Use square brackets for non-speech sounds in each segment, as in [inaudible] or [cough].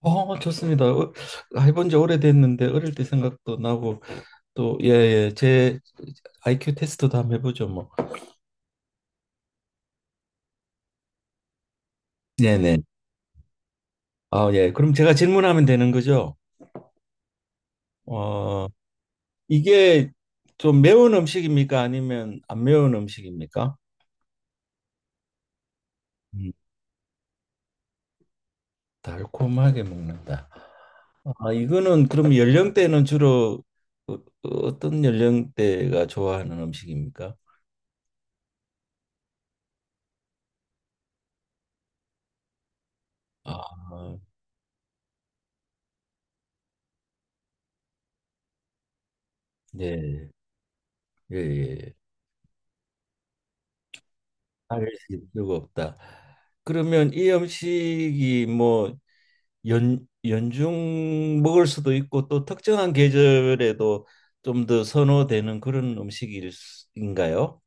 좋습니다. 해본 지 오래됐는데 어릴 때 생각도 나고 또 예, 예. 제 IQ 테스트도 한번 해보죠, 뭐. 네네. 아, 예. 그럼 제가 질문하면 되는 거죠? 어, 이게 좀 매운 음식입니까? 아니면 안 매운 음식입니까? 음, 달콤하게 먹는다. 아, 이거는 그럼 연령대는 주로 어떤 연령대가 좋아하는 음식입니까? 아, 네. 예, 예. 아닐 수가 없다. 그러면 이 음식이 뭐 연중 먹을 수도 있고 또 특정한 계절에도 좀 더 선호되는 그런 음식인가요?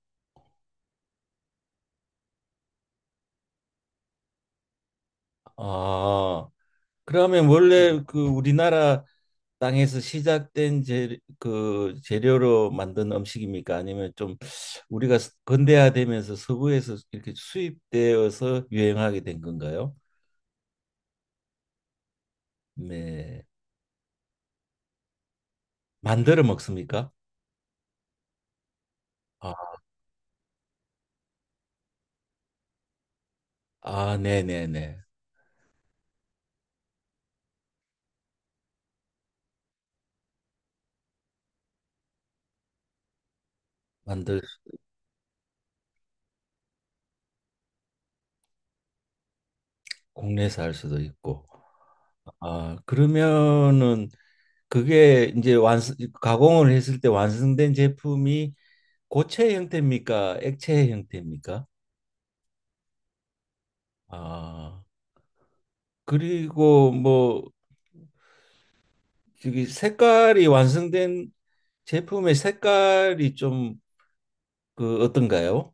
아, 그러면 원래 그 우리나라 땅에서 시작된 그 재료로 만든 음식입니까? 아니면 좀 우리가 근대화되면서 서구에서 이렇게 수입되어서 유행하게 된 건가요? 네. 만들어 먹습니까? 아. 아, 네네네. 만들 국내에서 할 수도 있고. 아, 그러면은 그게 이제 완성 가공을 했을 때 완성된 제품이 고체 형태입니까? 액체 형태입니까? 아, 그리고 뭐 저기 색깔이 완성된 제품의 색깔이 좀 그 어떤가요?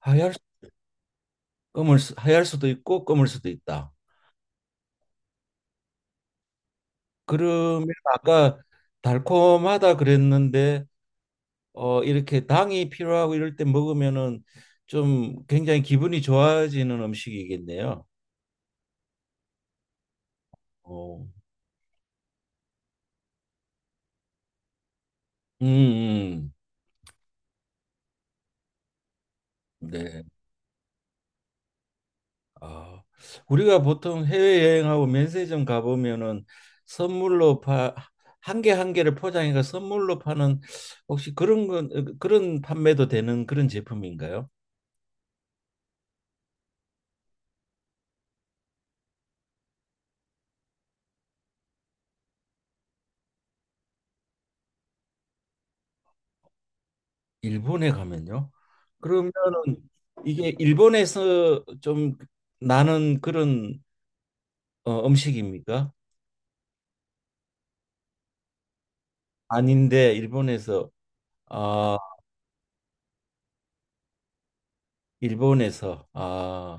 하얄 하얄 수도 있고 검을 수도 있다. 그러면 아까 달콤하다 그랬는데 어 이렇게 당이 필요하고 이럴 때 먹으면은 좀 굉장히 기분이 좋아지는 음식이겠네요. 어, 음, 음. 네. 아, 우리가 보통 해외여행하고 면세점 가보면은 선물로 한 개 한 개를 포장해가 선물로 파는 혹시 그런 건 어, 그런 판매도 되는 그런 제품인가요? 일본에 가면요? 그러면은 이게 일본에서 좀 나는 그런 음식입니까? 아닌데 일본에서 아 일본에서 아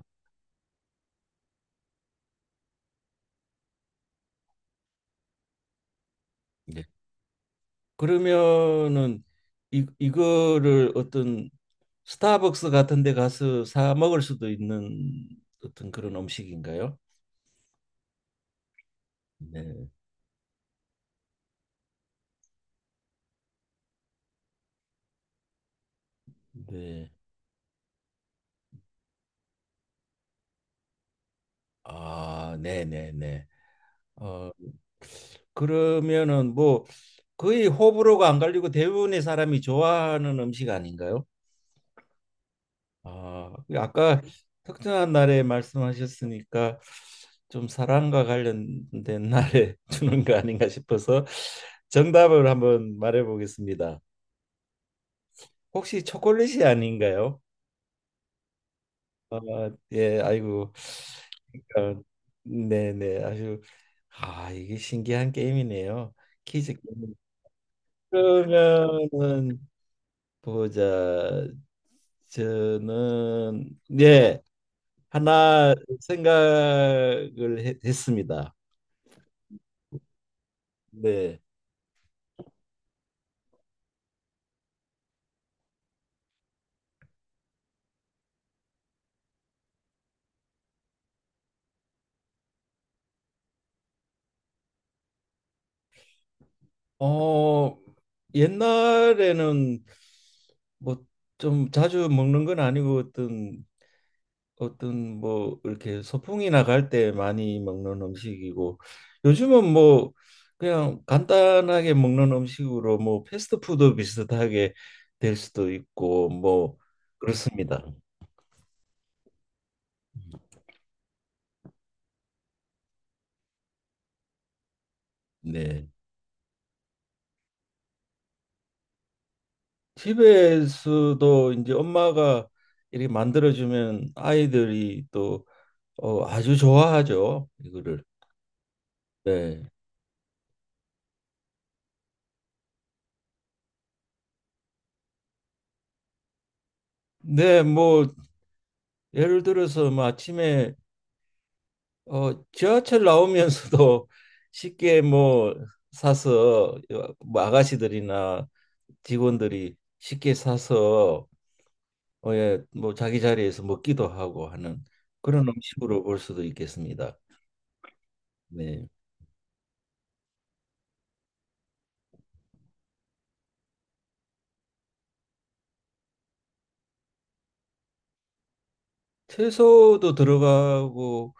네. 그러면은 이 이거를 어떤 스타벅스 같은 데 가서 사 먹을 수도 있는 어떤 그런 음식인가요? 네. 네. 아, 네, 네, 네. 어 그러면은 뭐 거의 호불호가 안 갈리고 대부분의 사람이 좋아하는 음식 아닌가요? 아, 그 아까 특정한 날에 말씀하셨으니까 좀 사랑과 관련된 날에 [laughs] 주는 거 아닌가 싶어서 정답을 한번 말해 보겠습니다. 혹시 초콜릿이 아닌가요? 아, 예, 아이고. 그러니까, 네네, 아주 아, 이게 신기한 게임이네요. 퀴즈 게임. 그러면은 보자. 저는 예. 하나 했습니다. 네. 어, 옛날에는 뭐 좀 자주 먹는 건 아니고 어떤 뭐 이렇게 소풍이 나갈 때 많이 먹는 음식이고 요즘은 뭐 그냥 간단하게 먹는 음식으로 뭐 패스트푸드 비슷하게 될 수도 있고 뭐 그렇습니다. 네. 집에서도 이제 엄마가 이렇게 만들어주면 아이들이 또 아주 좋아하죠. 이거를. 네. 네, 뭐 예를 들어서 뭐 아침에 지하철 나오면서도 [laughs] 쉽게 뭐 사서 뭐 아가씨들이나 직원들이 쉽게 사서 어, 예, 뭐 자기 자리에서 먹기도 하고 하는 그런 음식으로 볼 수도 있겠습니다. 네. 채소도 들어가고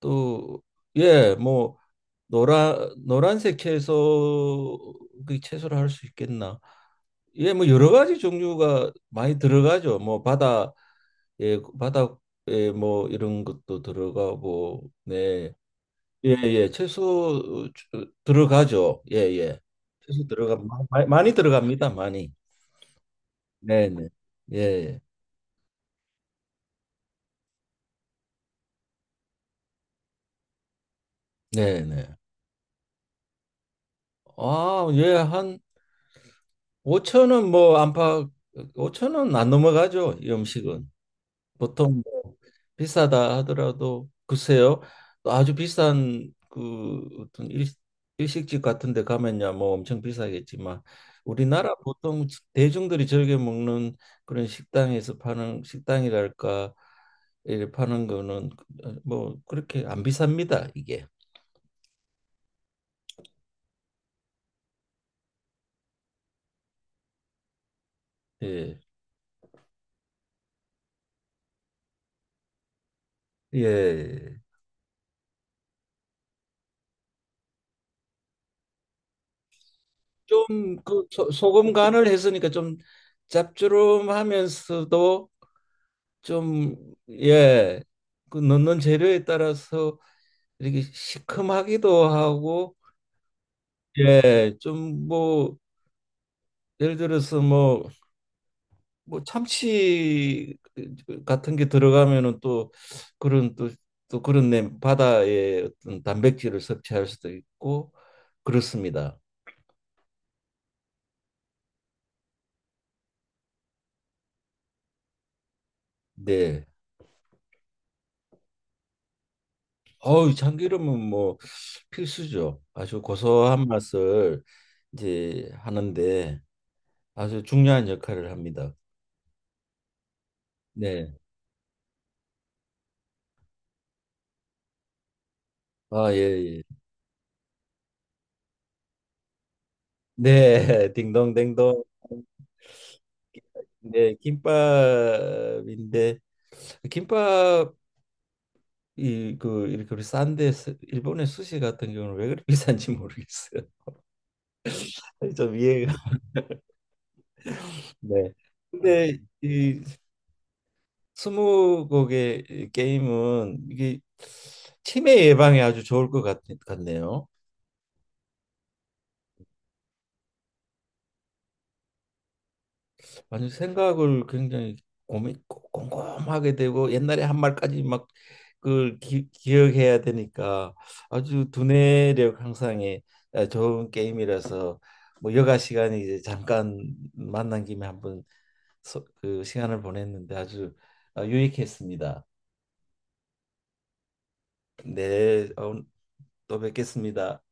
또 예, 뭐 노란색 채소 그 채소를 할 수 있겠나? 예, 뭐 여러 가지 종류가 많이 들어가죠. 뭐 바다 예, 바다에 뭐 이런 것도 들어가고 네. 예, 예. 들어가죠. 예, 예. 많이, 많이 들어갑니다. 많이. 네, 네. 예, 예. 네, 네. 아, 예, 한 오천원뭐 안팎 오천원안 넘어가죠. 이 음식은 보통 뭐 비싸다 하더라도 글쎄요. 또 아주 비싼 그 어떤 일식집 같은 데 가면야 뭐 엄청 비싸겠지만 우리나라 보통 대중들이 즐겨 먹는 그런 식당에서 파는 식당이랄까 이 파는 거는 어, 뭐 그렇게 안 비쌉니다. 이게. 예. 예. 좀 그 소금 간을 했으니까 좀 짭조름하면서도 좀 예, 그 넣는 재료에 따라서 이렇게 시큼하기도 하고 예, 좀 뭐 예를 들어서 뭐 뭐 참치 같은 게 들어가면은 또 그런 또 또 그런 내 바다의 어떤 단백질을 섭취할 수도 있고 그렇습니다. 네. 어우, 참기름은 뭐 필수죠. 아주 고소한 맛을 이제 하는데 아주 중요한 역할을 합니다. 네. 아, 예, 예. 네, [laughs] 딩동댕동. 네, 김밥인데 김밥이 그 이렇게 우리 싼데 일본의 수시 같은 경우는 왜 그렇게 비싼지 모르겠어요. [laughs] 좀 이해가. 네. 근데 이 스무 곡의 게임은 이게 치매 예방에 아주 좋을 것 같네요. 아주 생각을 굉장히 고민 꼼꼼하게 되고 옛날에 한 말까지 막 그걸 기억해야 되니까 아주 두뇌력 향상에 아, 좋은 게임이라서 뭐 여가 시간이 이제 잠깐 만난 김에 한번 그 시간을 보냈는데 아주 유익했습니다. 네, 어, 또 뵙겠습니다.